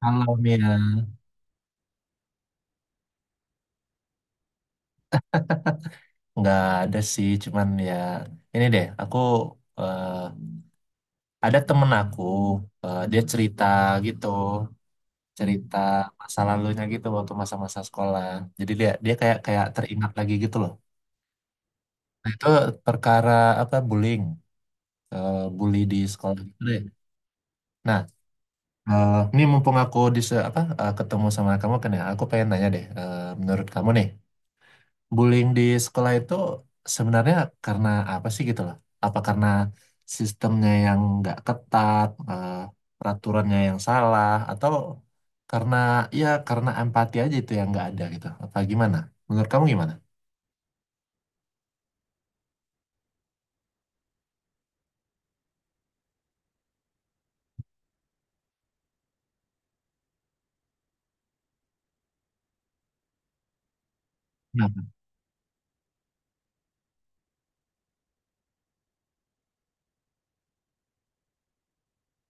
Halo Mia, nggak ada sih, cuman ya ini deh, aku eh, ada temen aku, dia cerita gitu, cerita masa lalunya gitu waktu masa-masa sekolah. Jadi dia dia kayak kayak teringat lagi gitu loh. Nah, itu perkara apa bullying, eh, bully di sekolah gitu deh. Nah, ini mumpung aku di se- apa eh, ketemu sama kamu kan ya, aku pengen nanya deh, eh, menurut kamu nih. Bullying di sekolah itu sebenarnya karena apa sih gitu loh? Apa karena sistemnya yang nggak ketat, eh, peraturannya yang salah, atau karena ya karena empati aja itu yang nggak ada gitu? Apa gimana? Menurut kamu gimana? Kenapa?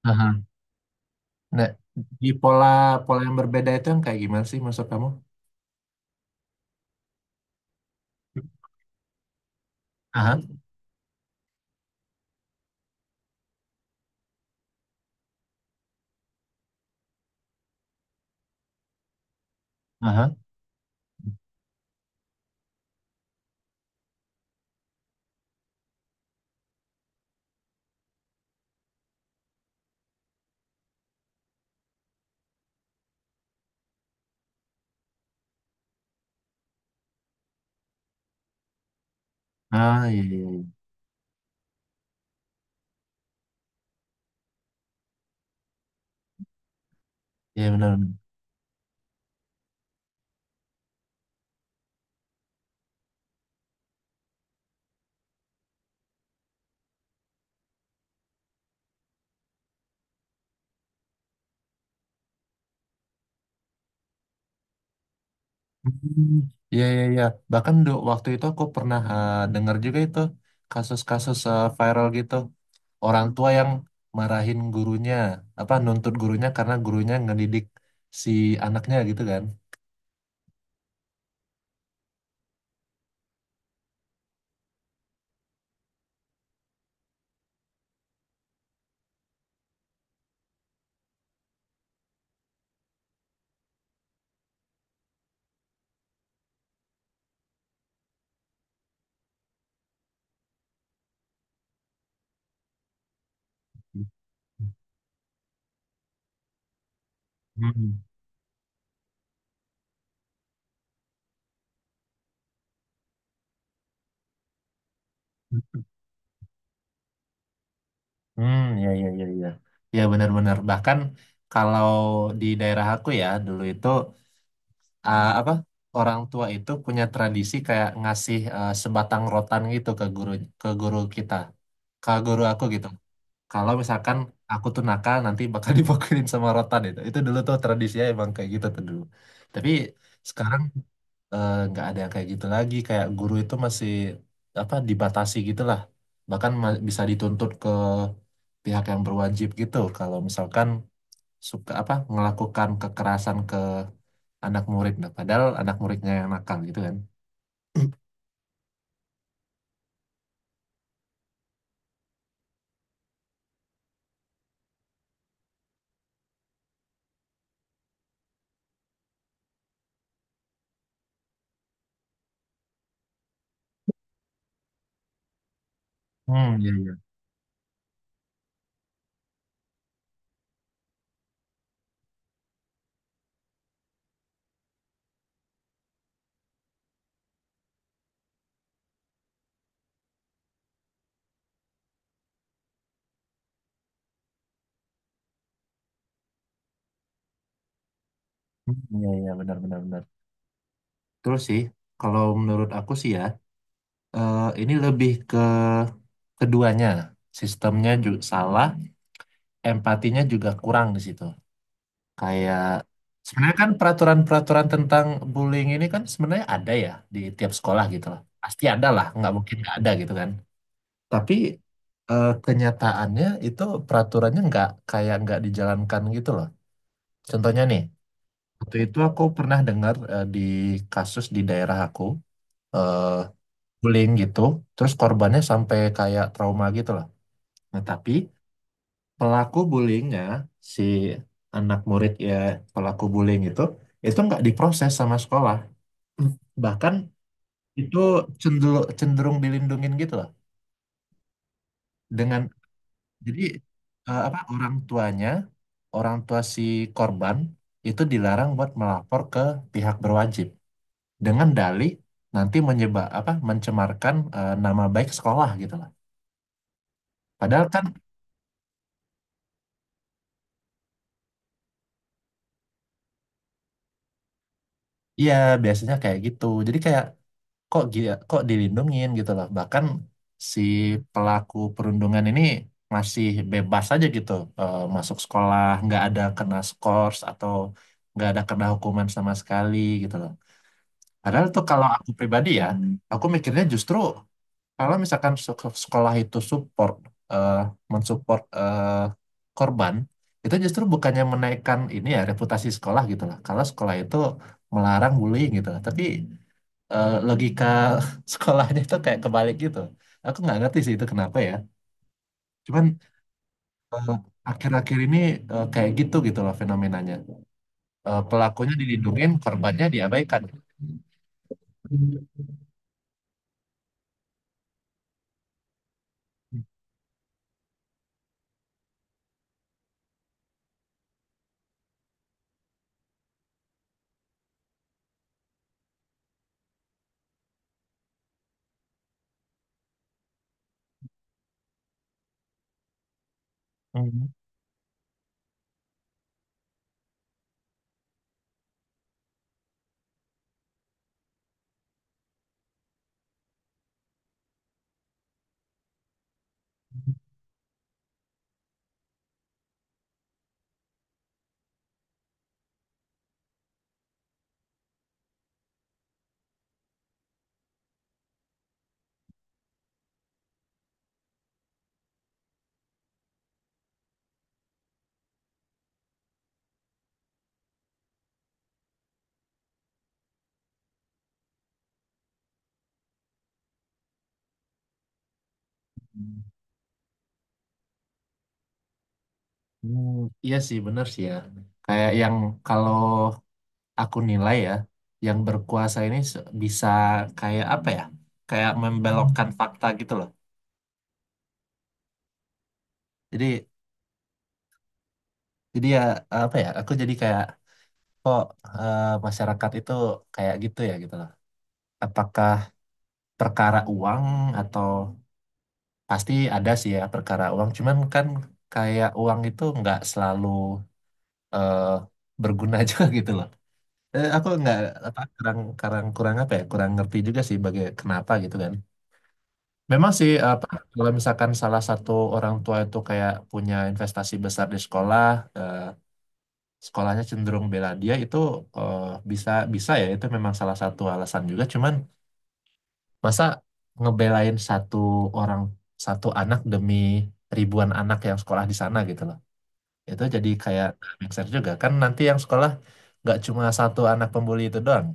Aha. Nah, di pola pola yang berbeda itu yang kayak gimana sih maksud kamu? Aha, aha. Ah, iya, iya, iya. Iya, benar. Hmm, ya, ya, ya. Bahkan do, waktu itu aku pernah dengar juga itu kasus-kasus eh, viral gitu. Orang tua yang marahin gurunya, apa nuntut gurunya karena gurunya ngedidik si anaknya gitu kan. Hmm. Hmm, ya, ya, ya, ya. Ya, benar-benar. Bahkan kalau di daerah aku ya dulu itu eh, apa orang tua itu punya tradisi kayak ngasih eh, sebatang rotan gitu ke guru kita, ke guru aku gitu. Kalau misalkan aku tuh nakal nanti bakal dipukulin sama rotan itu dulu tuh tradisinya emang kayak gitu tuh dulu, tapi sekarang eh, nggak ada yang kayak gitu lagi, kayak guru itu masih apa dibatasi gitu lah, bahkan bisa dituntut ke pihak yang berwajib gitu kalau misalkan suka apa melakukan kekerasan ke anak murid. Nah, padahal anak muridnya yang nakal gitu kan. Hmm, iya, iya. Hmm, iya, iya, benar, benar, benar. Terus sih kalau menurut aku sih ya, eh, ini lebih ke keduanya, sistemnya juga salah, empatinya juga kurang di situ. Kayak sebenarnya kan peraturan-peraturan tentang bullying ini kan sebenarnya ada ya di tiap sekolah gitu loh. Pasti ada lah, nggak mungkin nggak ada gitu kan. Tapi eh, kenyataannya itu peraturannya nggak kayak nggak dijalankan gitu loh. Contohnya nih, waktu itu aku pernah dengar di kasus di daerah aku eh bullying gitu, terus korbannya sampai kayak trauma gitu loh. Nah, tapi pelaku bullyingnya si anak murid ya, pelaku bullying itu nggak diproses sama sekolah. Hmm. Bahkan itu cenderung cenderung dilindungin gitu loh dengan jadi eh, apa orang tua si korban itu dilarang buat melapor ke pihak berwajib dengan dalih nanti menyebab apa mencemarkan eh, nama baik sekolah gitu loh, padahal kan ya biasanya kayak gitu, jadi kayak kok kok dilindungin gitu loh. Bahkan si pelaku perundungan ini masih bebas aja gitu, eh, masuk sekolah nggak ada kena skors atau nggak ada kena hukuman sama sekali gitu loh. Padahal tuh kalau aku pribadi ya, hmm, aku mikirnya justru kalau misalkan sekolah itu support eh, mensupport eh, korban, itu justru bukannya menaikkan ini ya reputasi sekolah gitu loh kalau sekolah itu melarang bullying gitu loh. Tapi eh, logika sekolahnya tuh kayak kebalik gitu. Aku nggak ngerti sih itu kenapa ya. Cuman eh, akhir-akhir ini eh, kayak gitu gitu loh fenomenanya. Eh, pelakunya dilindungin, korbannya diabaikan. Hmm. Hmm, iya sih, bener sih ya. Kayak yang kalau aku nilai ya, yang berkuasa ini bisa kayak apa ya? Kayak membelokkan fakta gitu loh. Jadi jadi ya apa ya? Aku jadi kayak kok eh, masyarakat itu kayak gitu ya gitu loh. Apakah perkara uang atau pasti ada sih ya perkara uang, cuman kan kayak uang itu nggak selalu eh, berguna juga gitu loh. Eh, aku nggak apa kurang kurang kurang apa ya, kurang ngerti juga sih bagai kenapa gitu kan. Memang sih apa kalau misalkan salah satu orang tua itu kayak punya investasi besar di sekolah, eh, sekolahnya cenderung bela dia, itu eh, bisa bisa ya, itu memang salah satu alasan juga, cuman masa ngebelain satu orang, satu anak demi ribuan anak yang sekolah di sana gitu loh. Itu jadi kayak nggak make sense juga. Kan nanti yang sekolah nggak cuma satu anak pembuli itu doang.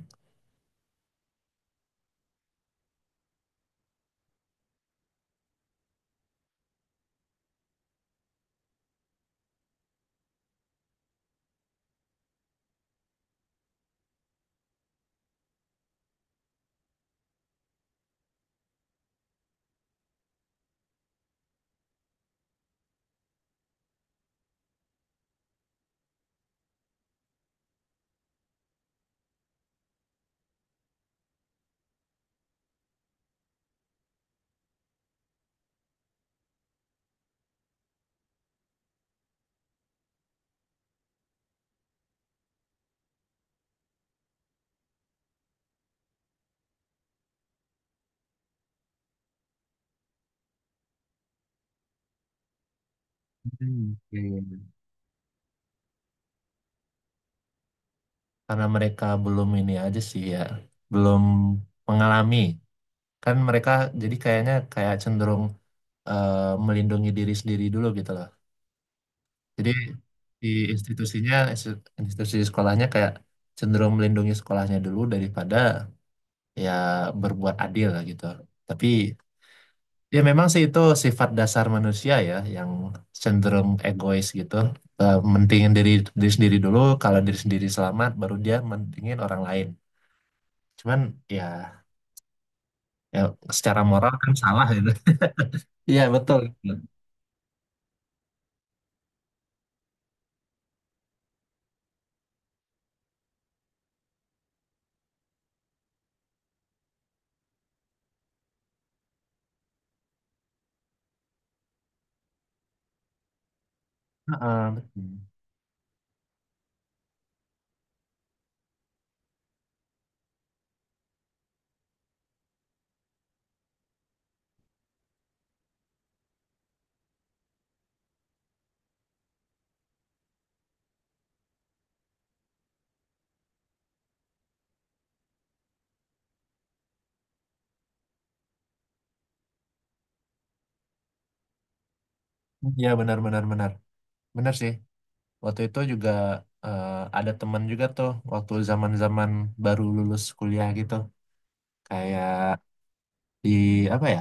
Hmm, iya, iya. Karena mereka belum ini aja sih ya, belum mengalami. Kan mereka jadi kayaknya kayak cenderung eh, melindungi diri sendiri dulu gitu loh. Jadi di institusinya, institusi sekolahnya kayak cenderung melindungi sekolahnya dulu daripada ya berbuat adil gitu. Tapi ya memang sih itu sifat dasar manusia ya yang cenderung egois gitu. Eh, mentingin diri diri sendiri dulu, kalau diri sendiri selamat baru dia mentingin orang lain. Cuman ya ya secara moral kan salah gitu. Iya, betul. Heeh, betul. Iya, benar, benar, benar. Benar sih. Waktu itu juga eh, ada teman juga tuh waktu zaman-zaman baru lulus kuliah gitu. Kayak di apa ya,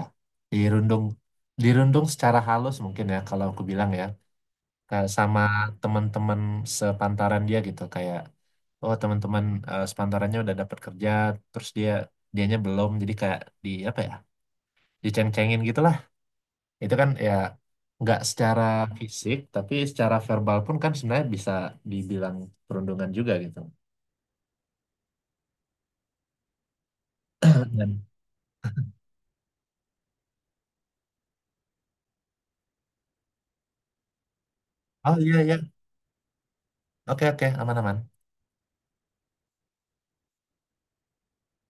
dirundung dirundung secara halus mungkin ya kalau aku bilang ya. Kayak sama teman-teman sepantaran dia gitu, kayak oh teman-teman eh, sepantarannya udah dapat kerja terus dia belum, jadi kayak di apa ya, diceng-cengin gitulah. Itu kan ya nggak secara fisik tapi secara verbal pun kan sebenarnya bisa dibilang perundungan juga gitu. Dan oh iya, iya, oke, oke, aman-aman.